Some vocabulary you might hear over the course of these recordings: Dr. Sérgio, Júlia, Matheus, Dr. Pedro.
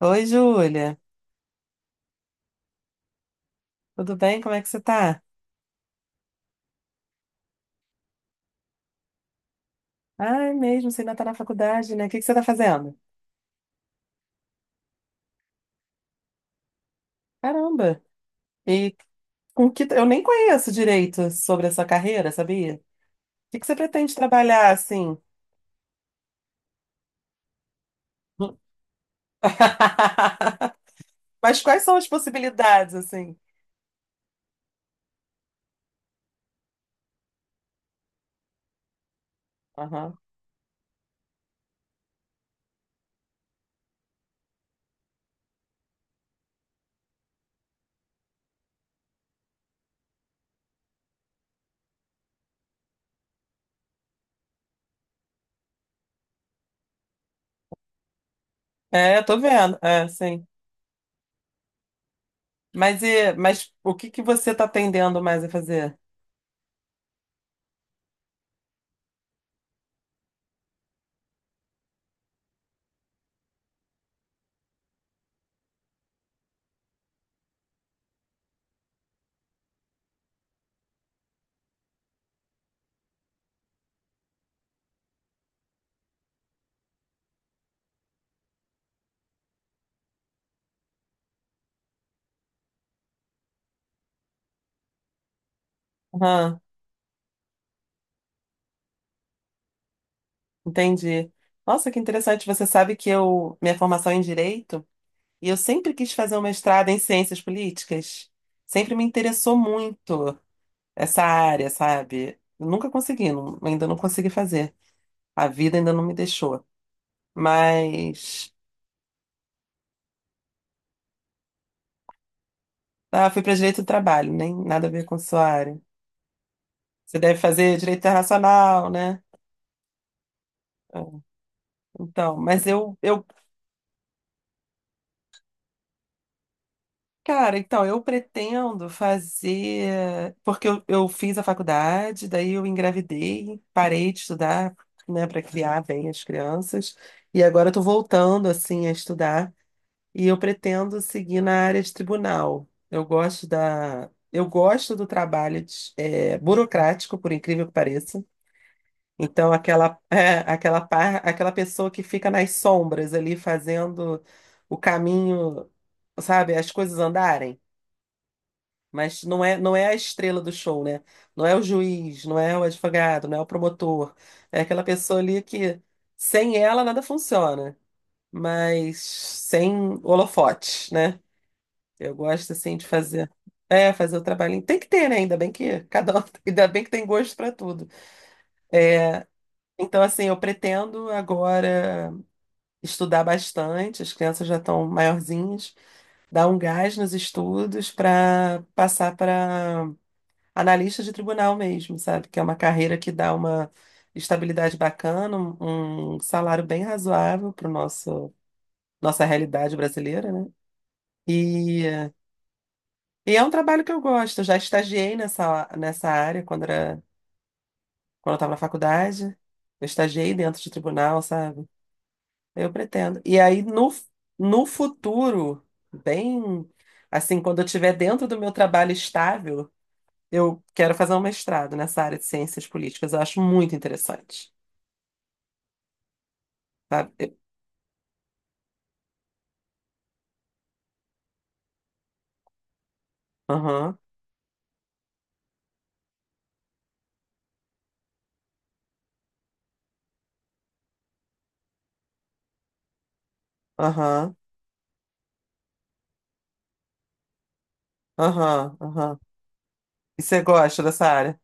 Oi, Júlia. Tudo bem? Como é que você tá? Ai, mesmo, você ainda tá na faculdade, né? O que você tá fazendo? Caramba! E com que eu nem conheço direito sobre a sua carreira, sabia? O que você pretende trabalhar assim? Mas quais são as possibilidades assim? Aham. É, eu tô vendo. É, sim. Mas o que você tá tendendo mais a fazer? Aham, entendi. Nossa, que interessante. Você sabe que eu, minha formação é em direito, e eu sempre quis fazer um mestrado em ciências políticas. Sempre me interessou muito essa área, sabe? Eu Nunca consegui, não- Ainda não consegui fazer. A vida ainda não me deixou. Mas ah, fui para direito do trabalho, nem nada a ver com a sua área. Você deve fazer direito internacional, né? Ah, então, mas eu cara, então, eu pretendo fazer. Porque eu fiz a faculdade, daí eu engravidei, parei de estudar, né, para criar bem as crianças, e agora eu tô voltando, assim, a estudar, e eu pretendo seguir na área de tribunal. Eu gosto da. Eu gosto do trabalho burocrático, por incrível que pareça. Então, aquela pessoa que fica nas sombras ali fazendo o caminho, sabe, as coisas andarem. Mas não é a estrela do show, né? Não é o juiz, não é o advogado, não é o promotor. É aquela pessoa ali que sem ela nada funciona, mas sem holofotes, né? Eu gosto assim de fazer, fazer o trabalhinho. Tem que ter, né? Ainda bem que cada um, ainda bem que tem gosto para tudo. Então assim, eu pretendo agora estudar bastante, as crianças já estão maiorzinhas, dar um gás nos estudos para passar para analista de tribunal mesmo, sabe? Que é uma carreira que dá uma estabilidade bacana, um salário bem razoável para nosso nossa realidade brasileira, né? E, e é um trabalho que eu gosto. Eu já estagiei nessa área quando eu estava na faculdade. Eu estagiei dentro de tribunal, sabe? Eu pretendo. E aí, no, No futuro, bem assim, quando eu estiver dentro do meu trabalho estável, eu quero fazer um mestrado nessa área de ciências políticas. Eu acho muito interessante. Sabe? Aham, aham, aham, aham. E você gosta dessa área?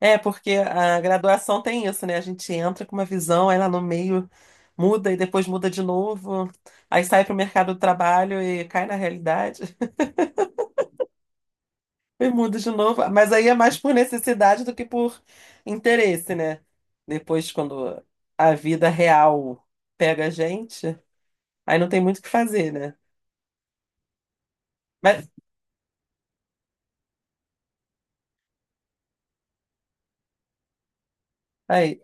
É, porque a graduação tem isso, né? A gente entra com uma visão, aí lá no meio muda e depois muda de novo, aí sai para o mercado do trabalho e cai na realidade e muda de novo. Mas aí é mais por necessidade do que por interesse, né? Depois, quando a vida real pega a gente, aí não tem muito o que fazer, né? Mas aí,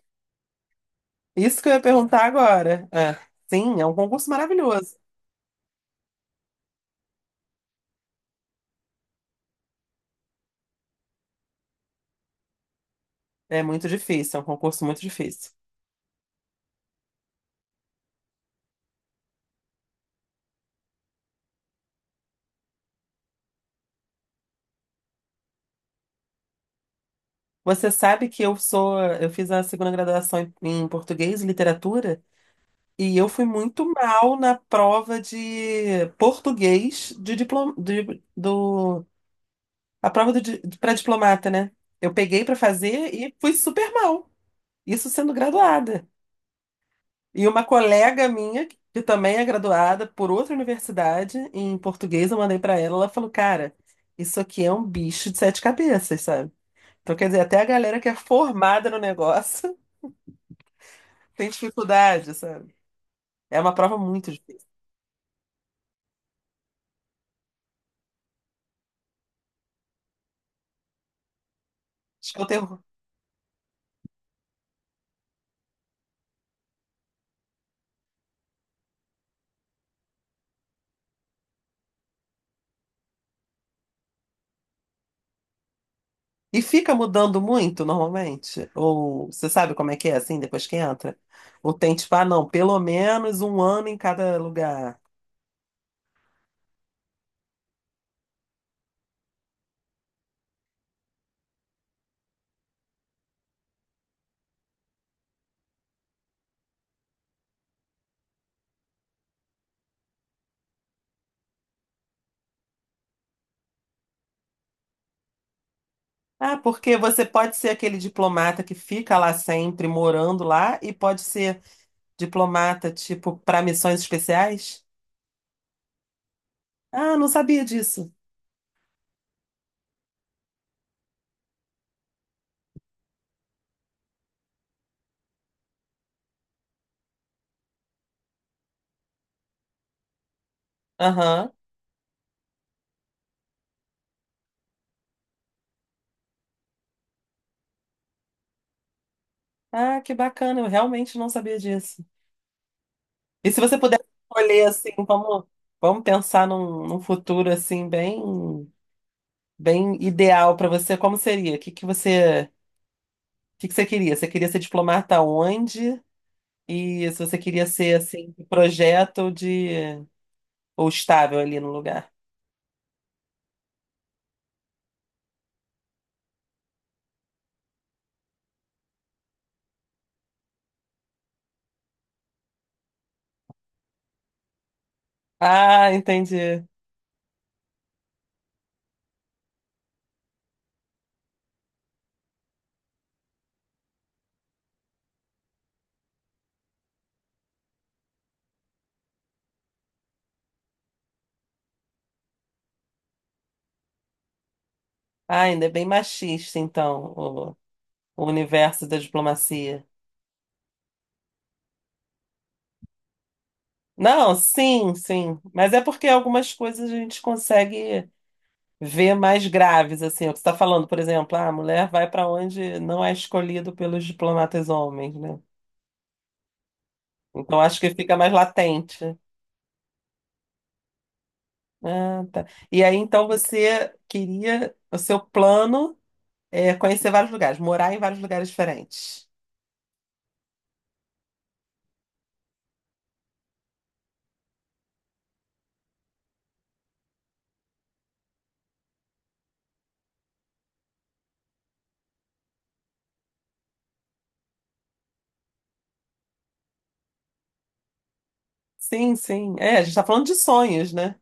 isso que eu ia perguntar agora. É. Sim, é um concurso maravilhoso. É muito difícil, é um concurso muito difícil. Você sabe que eu fiz a segunda graduação em, em português e literatura e eu fui muito mal na prova de português de diploma, de- do, a prova do, para diplomata, né? Eu peguei para fazer e fui super mal, isso sendo graduada. E uma colega minha, que também é graduada por outra universidade em português, eu mandei para ela, ela falou, cara, isso aqui é um bicho de sete cabeças, sabe? Então, quer dizer, até a galera que é formada no negócio tem dificuldade, sabe? É uma prova muito difícil. Acho que eu tenho. E fica mudando muito normalmente? Ou você sabe como é que é assim depois que entra? Ou tem tipo, ah, não, pelo menos um ano em cada lugar. Ah, porque você pode ser aquele diplomata que fica lá sempre, morando lá, e pode ser diplomata, tipo, para missões especiais? Ah, não sabia disso. Aham. Ah, que bacana, eu realmente não sabia disso. E se você puder escolher assim, vamos pensar num futuro assim bem bem ideal para você, como seria? O que você queria? Você queria ser diplomata onde? E se você queria ser assim, de projeto ou estável ali no lugar? Ah, entendi. Ah, ainda é bem machista então, o universo da diplomacia. Não, sim, sim, mas é porque algumas coisas a gente consegue ver mais graves, assim, é o que você está falando, por exemplo, ah, a mulher vai para onde não é escolhido pelos diplomatas homens, né? Então acho que fica mais latente. Ah, tá. E aí então você queria, o seu plano é conhecer vários lugares, morar em vários lugares diferentes. Sim, sim. É, a gente está falando de sonhos, né?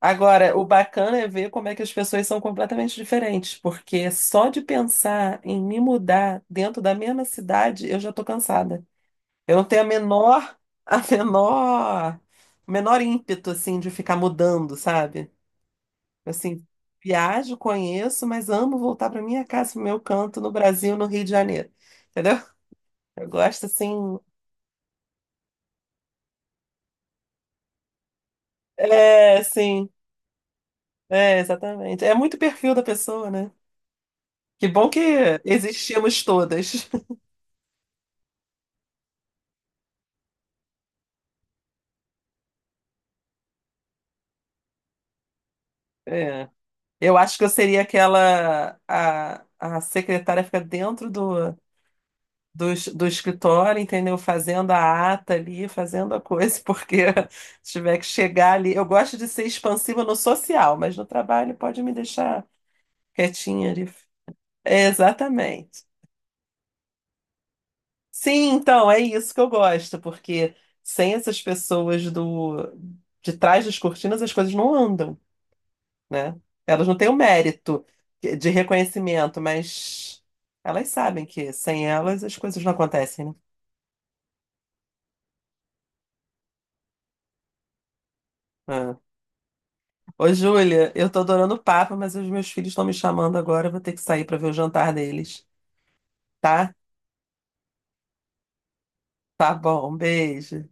Agora, o bacana é ver como é que as pessoas são completamente diferentes, porque só de pensar em me mudar dentro da mesma cidade, eu já tô cansada. Eu não tenho a menor, a menor, o menor ímpeto assim de ficar mudando, sabe? Assim, viajo, conheço, mas amo voltar para minha casa, pro meu canto no Brasil, no Rio de Janeiro. Entendeu? Eu gosto assim. É, sim. É, exatamente. É muito perfil da pessoa, né? Que bom que existimos todas. É. Eu acho que eu seria a secretária fica dentro do escritório, entendeu? Fazendo a ata ali, fazendo a coisa, porque se tiver que chegar ali. Eu gosto de ser expansiva no social, mas no trabalho pode me deixar quietinha ali. É, exatamente. Sim, então, é isso que eu gosto, porque sem essas pessoas do de trás das cortinas as coisas não andam. Né? Elas não têm o mérito de reconhecimento, mas elas sabem que sem elas as coisas não acontecem, né? Ah. Ô, Júlia, eu tô adorando o papo, mas os meus filhos estão me chamando agora, eu vou ter que sair para ver o jantar deles, tá? Tá bom, um beijo.